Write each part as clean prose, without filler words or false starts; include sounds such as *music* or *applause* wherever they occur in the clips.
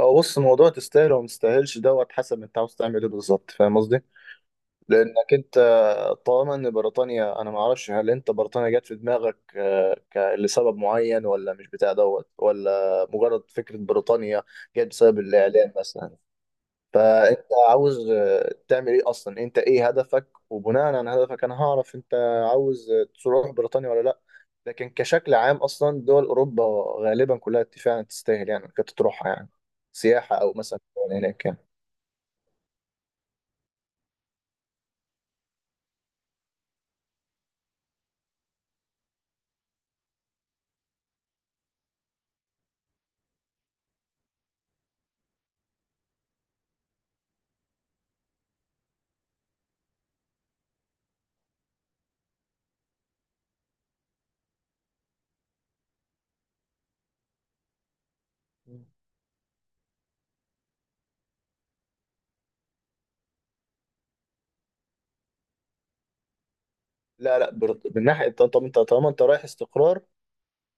هو بص، موضوع تستاهل وما تستاهلش دوت حسب انت عاوز تعمل ايه بالظبط، فاهم قصدي؟ لانك انت طالما ان بريطانيا، انا ما اعرفش، هل انت بريطانيا جت في دماغك لسبب معين ولا مش بتاع دوت ولا مجرد فكره بريطانيا جت بسبب الاعلام مثلا؟ فانت عاوز تعمل ايه اصلا؟ انت ايه هدفك؟ وبناء على هدفك انا هعرف انت عاوز تروح بريطانيا ولا لا. لكن كشكل عام اصلا دول اوروبا غالبا كلها فعلا تستاهل، يعني كنت تروحها يعني سياحة او مثلا هناك يعني. لا لا، من ناحية، طب انت طالما انت رايح استقرار،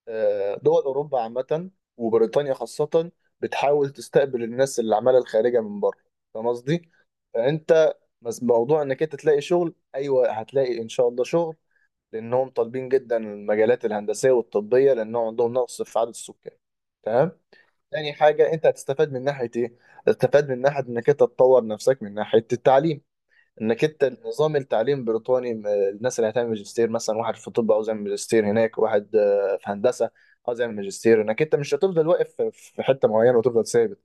دول اوروبا عامه وبريطانيا خاصه بتحاول تستقبل الناس اللي عماله الخارجه من بره، فاهم قصدي؟ فانت بس موضوع انك انت تلاقي شغل، ايوه هتلاقي ان شاء الله شغل، لانهم طالبين جدا المجالات الهندسيه والطبيه لانهم عندهم نقص في عدد السكان. تمام. تاني حاجه، انت هتستفاد من ناحيه ايه؟ هتستفاد من ناحيه انك انت تطور نفسك من ناحيه التعليم، انك انت النظام التعليم البريطاني، الناس اللي هتعمل ماجستير، مثلا واحد في الطب عاوز يعمل ماجستير هناك، واحد في هندسه عاوز يعمل ماجستير، انك انت مش هتفضل واقف في حته معينه وتفضل ثابت.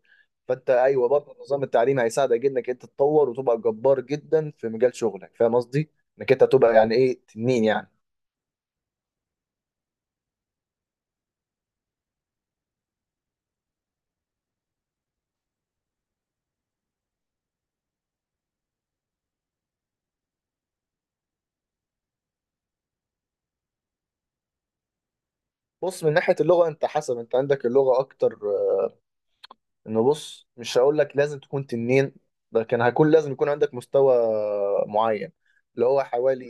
فانت ايوه برضه النظام التعليمي هيساعدك انك انت تتطور وتبقى جبار جدا في مجال شغلك، فاهم قصدي؟ انك انت تبقى يعني ايه تنين يعني. بص، من ناحيه اللغه، انت حسب انت عندك اللغه اكتر، انه بص مش هقول لك لازم تكون تنين، ده كان هيكون لازم يكون عندك مستوى معين، اللي هو حوالي،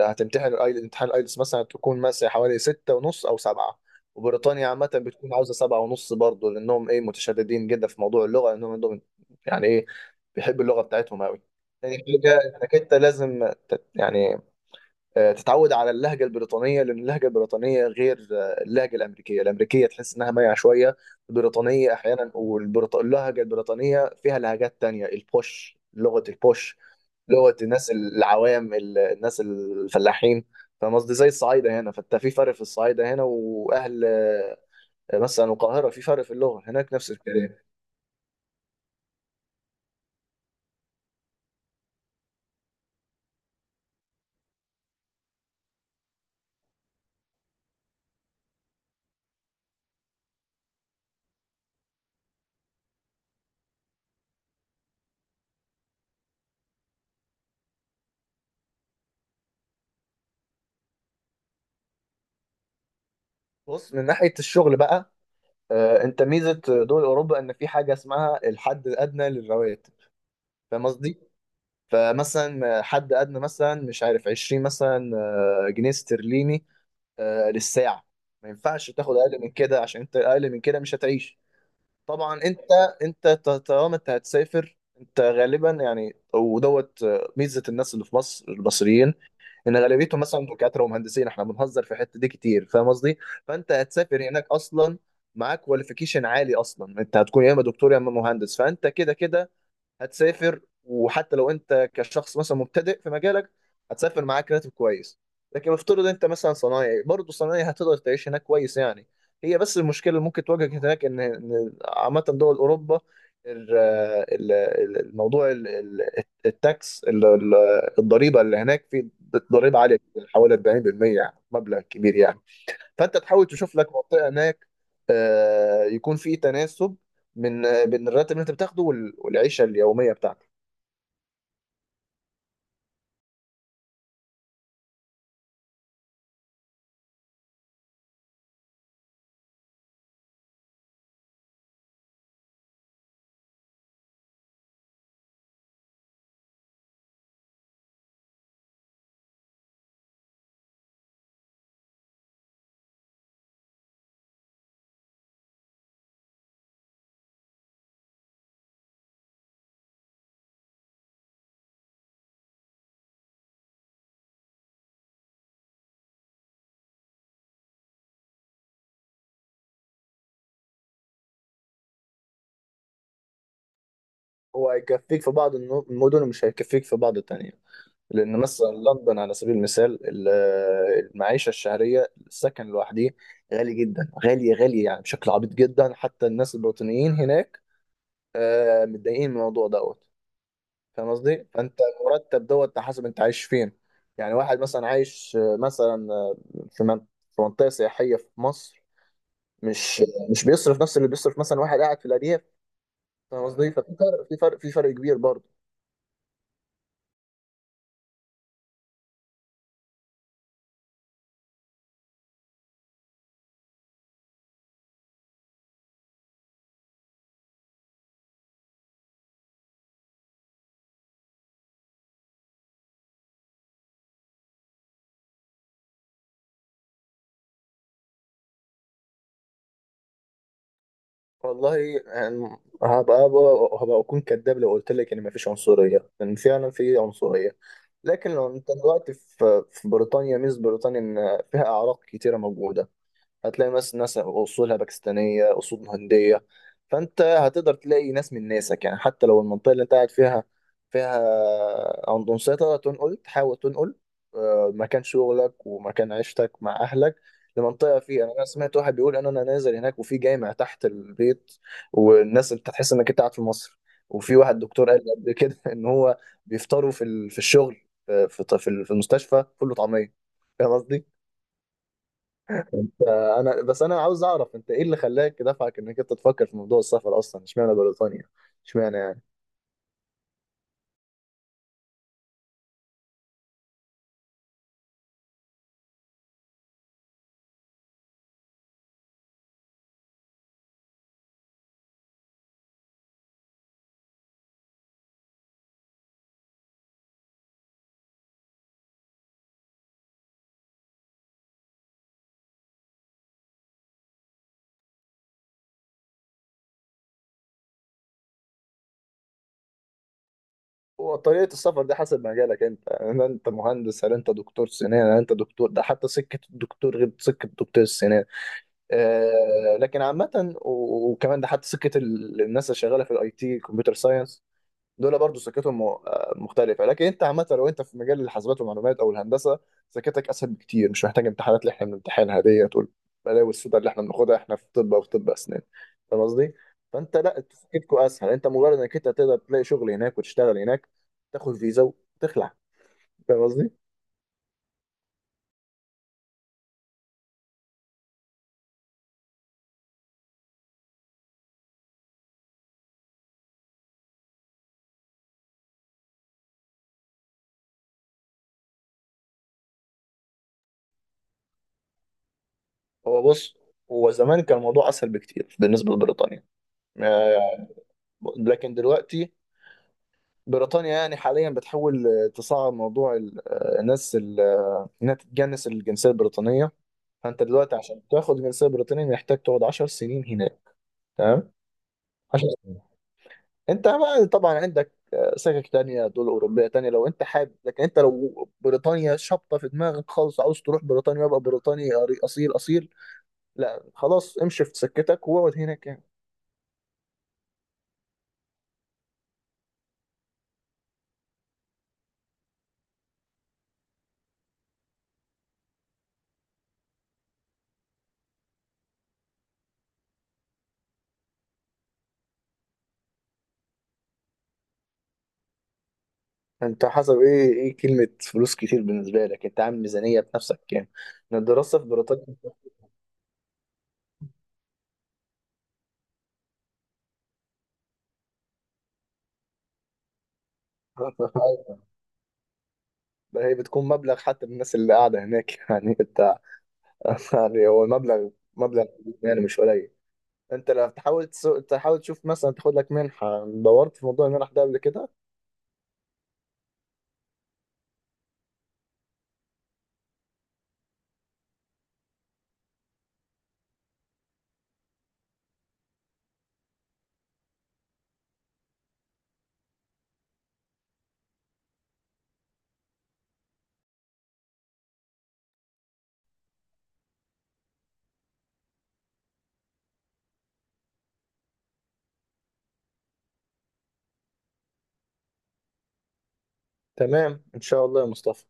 هتمتحن الايلتس، امتحان الايلتس مثلا هتكون مثلا حوالي ستة ونص او سبعة، وبريطانيا عامة بتكون عاوزة سبعة ونص برضه، لأنهم إيه متشددين جدا في موضوع اللغة، لأنهم عندهم يعني إيه، بيحبوا اللغة بتاعتهم أوي. تاني حاجة، إنك أنت لازم يعني تتعود على اللهجة البريطانية، لأن اللهجة البريطانية غير اللهجة الأمريكية، الأمريكية تحس إنها مايعة شوية، البريطانية أحيانا. واللهجة البريطانية فيها لهجات تانية، البوش، لغة البوش، لغة الناس العوام، الناس الفلاحين، فاهم قصدي؟ زي الصعايدة هنا، فأنت في فرق في الصعايدة هنا وأهل مثلا القاهرة، في فرق في اللغة هناك، نفس الكلام. بص، من ناحية الشغل بقى، أنت ميزة دول أوروبا إن في حاجة اسمها الحد الأدنى للرواتب، فاهم قصدي؟ فمثلا حد ادنى مثلا مش عارف 20 مثلا جنيه استرليني للساعه، ما ينفعش تاخد اقل من كده عشان انت اقل من كده مش هتعيش. طبعا طالما انت هتسافر انت غالبا يعني ودوت، ميزه الناس اللي في مصر، المصريين ان غالبيتهم مثلا دكاتره ومهندسين، احنا بنهزر في الحته دي كتير، فاهم قصدي؟ فانت هتسافر هناك اصلا معاك كواليفيكيشن عالي، اصلا انت هتكون يا اما دكتور يا اما مهندس، فانت كده كده هتسافر، وحتى لو انت كشخص مثلا مبتدئ في مجالك هتسافر معاك راتب كويس. لكن افترض انت مثلا صنايعي، برضه الصنايعي هتقدر تعيش هناك كويس يعني. هي بس المشكله اللي ممكن تواجهك هناك إن عامه دول اوروبا، ال- الموضوع التاكس الضريبه اللي هناك، في ضريبه عاليه جداً، حوالي 40%، يعني مبلغ كبير يعني. فانت تحاول تشوف لك منطقه هناك يكون في تناسب من بين الراتب اللي انت بتاخده والعيشه اليوميه بتاعتك. هو هيكفيك في بعض المدن ومش هيكفيك في بعض التانية، لان مثلا لندن على سبيل المثال المعيشه الشهريه، السكن لوحده غالي جدا، غالي غالي يعني، بشكل عبيط جدا، حتى الناس البريطانيين هناك متضايقين من الموضوع دوت، فاهم قصدي؟ فانت مرتب دوت على حسب انت عايش فين، يعني واحد مثلا عايش مثلا في في منطقه سياحيه في مصر مش مش بيصرف نفس اللي بيصرف مثلا واحد قاعد في الارياف، فاهم قصدي؟ ففي فرق، في فرق، في فرق كبير برضه. والله يعني، هبقى هبقى هبقى اكون كذاب لو قلت لك ان مفيش عنصريه، لان فعلا في عنصريه، لكن لو انت دلوقتي في بريطانيا، ميز بريطانيا ان فيها اعراق كتيره موجوده، هتلاقي ناس، ناس اصولها باكستانيه، اصول هنديه، فانت هتقدر تلاقي ناس من ناسك يعني. حتى لو المنطقه اللي انت قاعد فيها عندهم سيطره، تنقل، تحاول تنقل مكان شغلك ومكان عيشتك مع اهلك لمنطقه فيها. انا سمعت واحد بيقول ان انا نازل هناك وفي جامع تحت البيت، والناس انت تحس انك انت قاعد في مصر. وفي واحد دكتور قال لي قبل كده *laughs* ان هو بيفطروا في في الشغل، في في المستشفى، فول وطعميه، فاهم قصدي؟ انت انا بس انا عاوز اعرف، انت ايه اللي خلاك، دفعك انك انت تفكر في موضوع السفر اصلا؟ اشمعنى بريطانيا؟ اشمعنى يعني؟ هو طريقه السفر دي حسب مجالك انت، هل انت مهندس، هل انت دكتور سنان، هل انت دكتور؟ ده حتى سكه الدكتور غير سكه دكتور السنان. لكن عامه، وكمان ده حتى سكه الناس اللي شغاله في الاي تي، كمبيوتر ساينس، دول برضو سكتهم مختلفة، لكن انت عامة لو انت في مجال الحاسبات والمعلومات او الهندسة سكتك اسهل بكتير، مش محتاج امتحانات اللي احنا بنمتحنها ديت والبلاوي السودا اللي احنا بناخدها احنا في طب او في طب اسنان، فاهم قصدي؟ فانت لا سكتكوا اسهل، انت مجرد انك انت تقدر تلاقي شغل هناك وتشتغل هناك، تاخد فيزا وتخلع، فاهم قصدي؟ هو بص، هو زمان كان الموضوع اسهل بكتير بالنسبة لبريطانيا، آه، لكن دلوقتي بريطانيا يعني حاليا بتحاول تصعب موضوع الناس انها تتجنس الجنسيه البريطانيه. فانت دلوقتي عشان تاخد الجنسيه البريطانيه محتاج تقعد 10 سنين هناك، تمام؟ 10 سنين. انت بقى طبعا عندك سكك تانية، دول أوروبية تانية لو أنت حابب، لكن أنت لو بريطانيا شابطة في دماغك خالص، عاوز تروح بريطانيا وأبقى بريطاني أصيل أصيل، لا خلاص امشي في سكتك واقعد هناك يعني. أنت حسب إيه كلمة فلوس كتير بالنسبة لك؟ أنت عامل ميزانية بنفسك يعني، إن الدراسة في بريطانيا *laughs* هي بتكون مبلغ حتى من الناس اللي قاعدة هناك يعني، *laughs* يعني هو المبلغ، مبلغ يعني مش قليل. انت لو تحاول تشوف مثلا تاخد لك منحة، دورت في موضوع المنح ده قبل كده؟ تمام، ان شاء الله يا مصطفى.